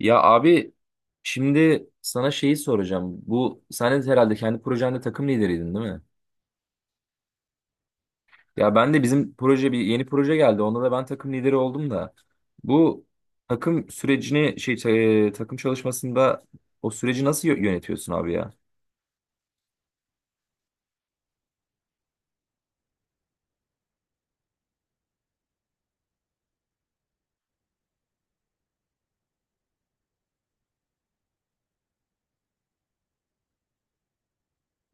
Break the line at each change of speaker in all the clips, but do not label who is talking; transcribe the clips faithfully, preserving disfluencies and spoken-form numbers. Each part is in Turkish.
Ya abi, şimdi sana şeyi soracağım. Bu sen de herhalde kendi projende takım lideriydin, değil mi? Ya ben de, bizim proje bir yeni proje geldi. Onda da ben takım lideri oldum da. Bu takım sürecini şey e, takım çalışmasında o süreci nasıl yö- yönetiyorsun abi ya?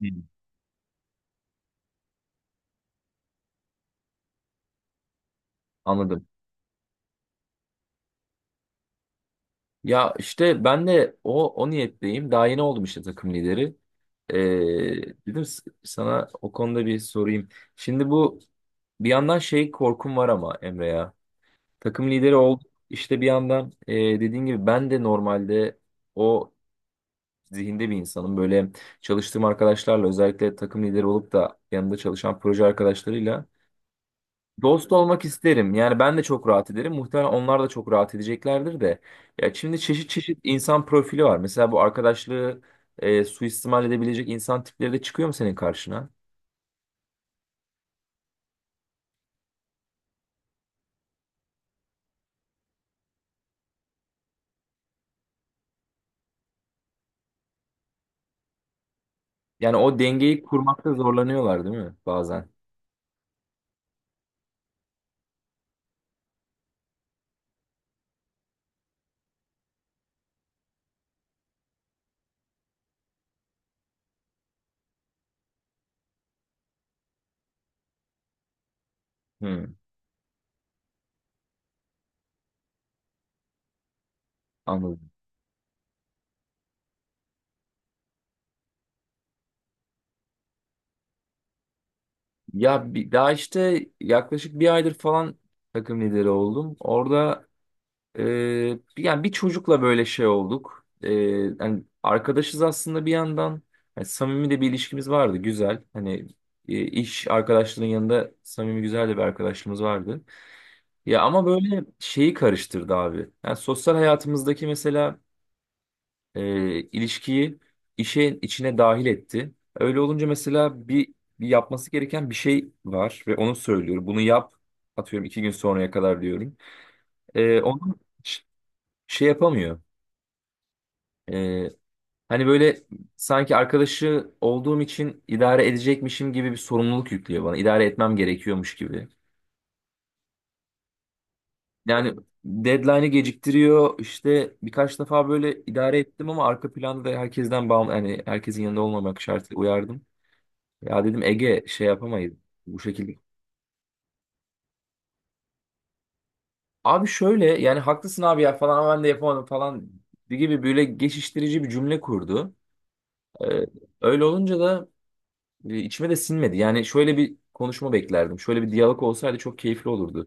Hı. Anladım. Ya işte ben de o o niyetteyim. Daha yeni oldum işte takım lideri. Ee, Dedim s- sana o konuda bir sorayım. Şimdi bu, bir yandan şey korkum var ama Emre ya. Takım lideri oldu. İşte bir yandan, e, dediğin gibi ben de normalde o zihinde bir insanım. Böyle çalıştığım arkadaşlarla, özellikle takım lideri olup da yanında çalışan proje arkadaşlarıyla dost olmak isterim. Yani ben de çok rahat ederim, muhtemelen onlar da çok rahat edeceklerdir de. Ya şimdi çeşit çeşit insan profili var. Mesela bu arkadaşlığı e, suistimal edebilecek insan tipleri de çıkıyor mu senin karşına? Yani o dengeyi kurmakta zorlanıyorlar değil mi bazen? Hmm, anladım. Ya bi- daha işte yaklaşık bir aydır falan takım lideri oldum. Orada e, bir- yani bir çocukla böyle şey olduk. E, yani arkadaşız aslında bir yandan. Yani samimi de bir ilişkimiz vardı güzel. Hani e, iş arkadaşlığının yanında samimi, güzel de bir arkadaşlığımız vardı. Ya ama böyle şeyi karıştırdı abi. Yani sosyal hayatımızdaki mesela e, ilişkiyi işin içine dahil etti. Öyle olunca, mesela bir, bir yapması gereken bir şey var ve onu söylüyor. Bunu yap, atıyorum iki gün sonraya kadar diyorum. E, onu ş- şey yapamıyor. E, hani böyle sanki arkadaşı olduğum için idare edecekmişim gibi bir sorumluluk yüklüyor bana, İdare etmem gerekiyormuş gibi. Yani deadline'ı geciktiriyor. İşte birkaç defa böyle idare ettim ama arka planda, da herkesten bağım yani herkesin yanında olmamak şartıyla, uyardım. Ya dedim Ege, şey yapamayız bu şekilde. Abi şöyle, yani haklısın abi ya falan ama ben de yapamadım falan gibi böyle geçiştirici bir cümle kurdu. Ee, öyle olunca da e, içime de sinmedi. Yani şöyle bir konuşma beklerdim, şöyle bir diyalog olsaydı çok keyifli olurdu.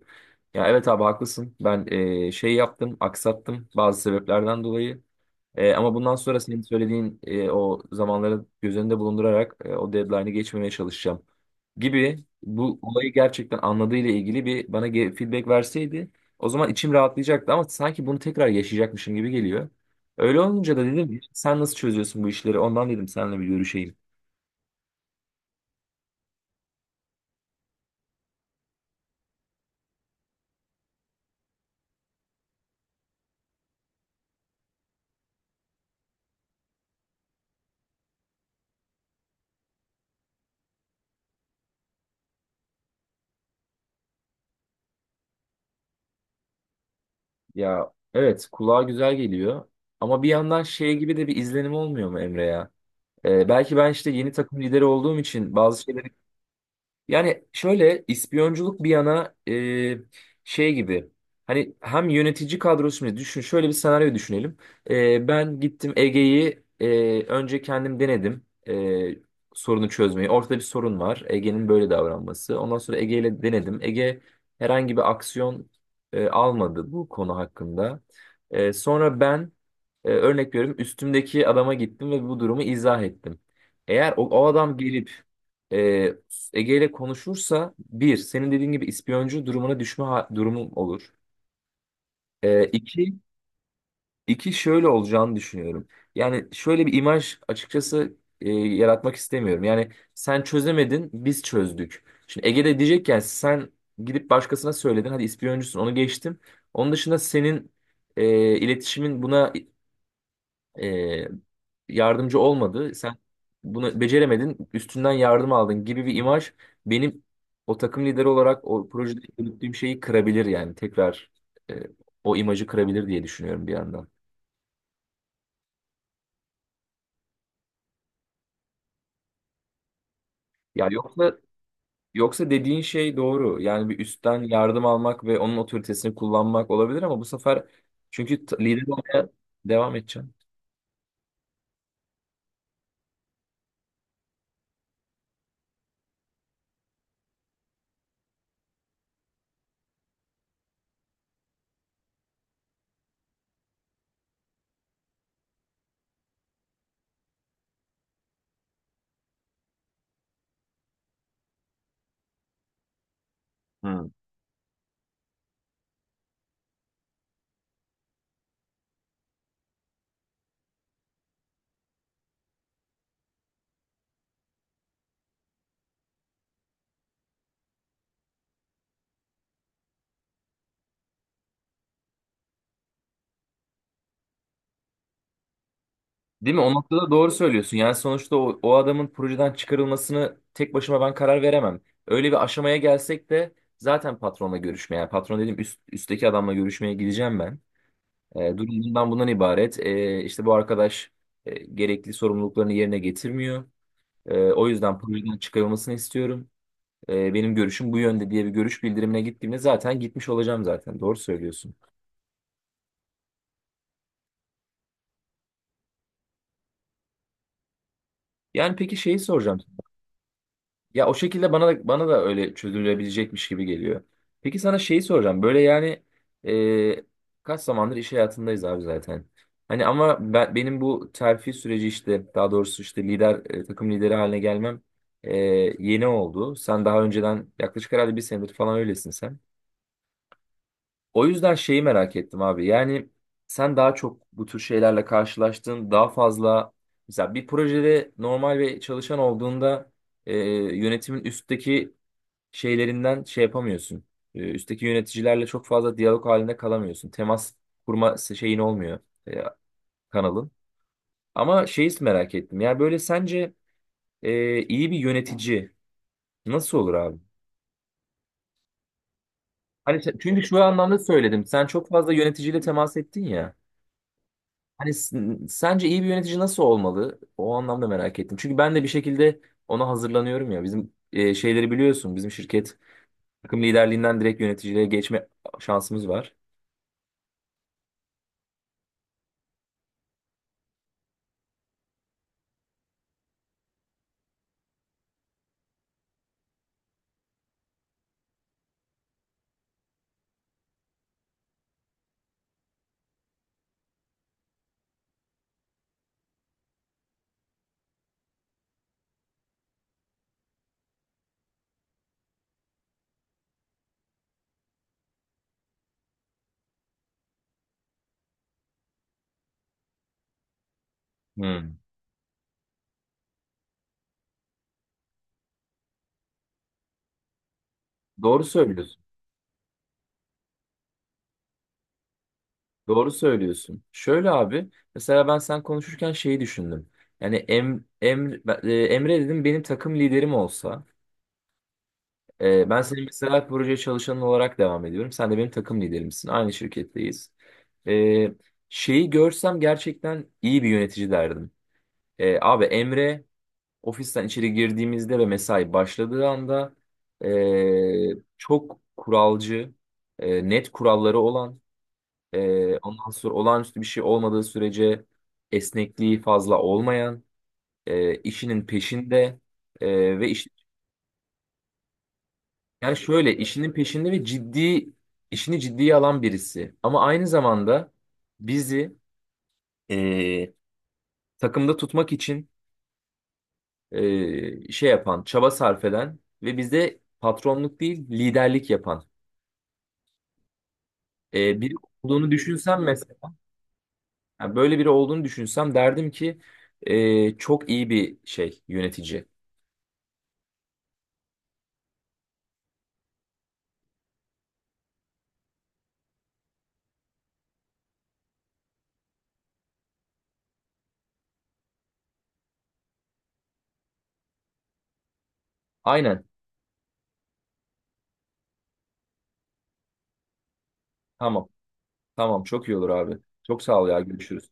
Ya evet abi, haklısın. Ben e, şey yaptım, aksattım bazı sebeplerden dolayı. E, ama bundan sonra senin söylediğin, e, o zamanları göz önünde bulundurarak e, o deadline'ı geçmemeye çalışacağım gibi, bu olayı gerçekten anladığıyla ilgili bir bana ge- feedback verseydi, o zaman içim rahatlayacaktı, ama sanki bunu tekrar yaşayacakmışım gibi geliyor. Öyle olunca da dedim, sen nasıl çözüyorsun bu işleri, ondan dedim seninle bir görüşeyim. Ya evet, kulağa güzel geliyor ama bir yandan şey gibi de bir izlenim olmuyor mu Emre ya? E, belki ben işte yeni takım lideri olduğum için bazı şeyleri. Yani şöyle, ispiyonculuk bir yana, e, şey gibi, hani hem yönetici kadrosunu düşün, şöyle bir senaryo düşünelim. E, ben gittim Ege'yi, e, önce kendim denedim e, sorunu çözmeyi. Ortada bir sorun var, Ege'nin böyle davranması. Ondan sonra Ege ile denedim. Ege herhangi bir aksiyon e, almadı bu konu hakkında. E, sonra ben, e, örnek veriyorum, üstümdeki adama gittim ve bu durumu izah ettim. Eğer o, o adam gelip ee, Ege ile konuşursa, bir, senin dediğin gibi ispiyoncu durumuna düşme ha- durumum olur. Ee, iki, iki şöyle olacağını düşünüyorum. Yani şöyle bir imaj açıkçası e, yaratmak istemiyorum. Yani sen çözemedin, biz çözdük. Şimdi Ege de diyecek ki, yani sen gidip başkasına söyledin, hadi ispiyoncusun, onu geçtim. Onun dışında senin e, iletişimin buna e, yardımcı olmadı. Sen bunu beceremedin, üstünden yardım aldın gibi bir imaj, benim o takım lideri olarak o projede yürüttüğüm şeyi kırabilir, yani tekrar e, o imajı kırabilir diye düşünüyorum bir yandan. Ya yoksa yoksa dediğin şey doğru. Yani bir üstten yardım almak ve onun otoritesini kullanmak olabilir ama bu sefer, çünkü t- lider olmaya devam edeceğim. Değil mi? O noktada doğru söylüyorsun. Yani sonuçta o, o adamın projeden çıkarılmasını tek başıma ben karar veremem. Öyle bir aşamaya gelsek de, zaten patronla görüşmeye, yani patron dedim, üst, üstteki adamla görüşmeye gideceğim ben. E, durum bundan bundan ibaret. E, işte bu arkadaş e, gerekli sorumluluklarını yerine getirmiyor. E, o yüzden projeden çıkarılmasını istiyorum. E, benim görüşüm bu yönde diye bir görüş bildirimine gittiğimde zaten gitmiş olacağım zaten. Doğru söylüyorsun. Yani peki, şeyi soracağım. Ya o şekilde bana da bana da öyle çözülebilecekmiş gibi geliyor. Peki sana şeyi soracağım. Böyle yani, e, kaç zamandır iş hayatındayız abi zaten. Hani ama ben, benim bu terfi süreci işte, daha doğrusu işte lider, e, takım lideri haline gelmem e, yeni oldu. Sen daha önceden yaklaşık herhalde bir senedir falan öylesin sen. O yüzden şeyi merak ettim abi. Yani sen daha çok bu tür şeylerle karşılaştın, daha fazla. Mesela bir projede normal ve çalışan olduğunda, e, yönetimin üstteki şeylerinden şey yapamıyorsun. E, üstteki yöneticilerle çok fazla diyalog halinde kalamıyorsun, temas kurma şeyin olmuyor, e, kanalın. Ama şeyi merak ettim, yani böyle sence e, iyi bir yönetici nasıl olur abi? Hani sen- çünkü şu anlamda söyledim, sen çok fazla yöneticiyle temas ettin ya. Hani s- sence iyi bir yönetici nasıl olmalı? O anlamda merak ettim. Çünkü ben de bir şekilde ona hazırlanıyorum ya. Bizim e, şeyleri biliyorsun, bizim şirket takım liderliğinden direkt yöneticiliğe geçme şansımız var. Hmm. Doğru söylüyorsun. Doğru söylüyorsun. Şöyle abi, mesela ben sen konuşurken şeyi düşündüm. Yani em, em, ben- e, Emre dedim benim takım liderim olsa, e, ben senin mesela proje çalışanın olarak devam ediyorum. Sen de benim takım liderimsin, aynı şirketteyiz. E, şeyi görsem gerçekten iyi bir yönetici derdim. E, abi Emre, ofisten içeri girdiğimizde ve mesai başladığı anda e, çok kuralcı, e, net kuralları olan, ee, ondan sonra olağanüstü bir şey olmadığı sürece esnekliği fazla olmayan, e, işinin peşinde, e, ve iş, yani şöyle işinin peşinde ve ciddi, işini ciddiye alan birisi. Ama aynı zamanda bizi e, takımda tutmak için e, şey yapan, çaba sarf eden ve bizde patronluk değil liderlik yapan e, biri olduğunu düşünsem mesela, yani böyle biri olduğunu düşünsem, derdim ki e, çok iyi bir şey yönetici. Aynen. Tamam. Tamam, çok iyi olur abi. Çok sağ ol ya, görüşürüz.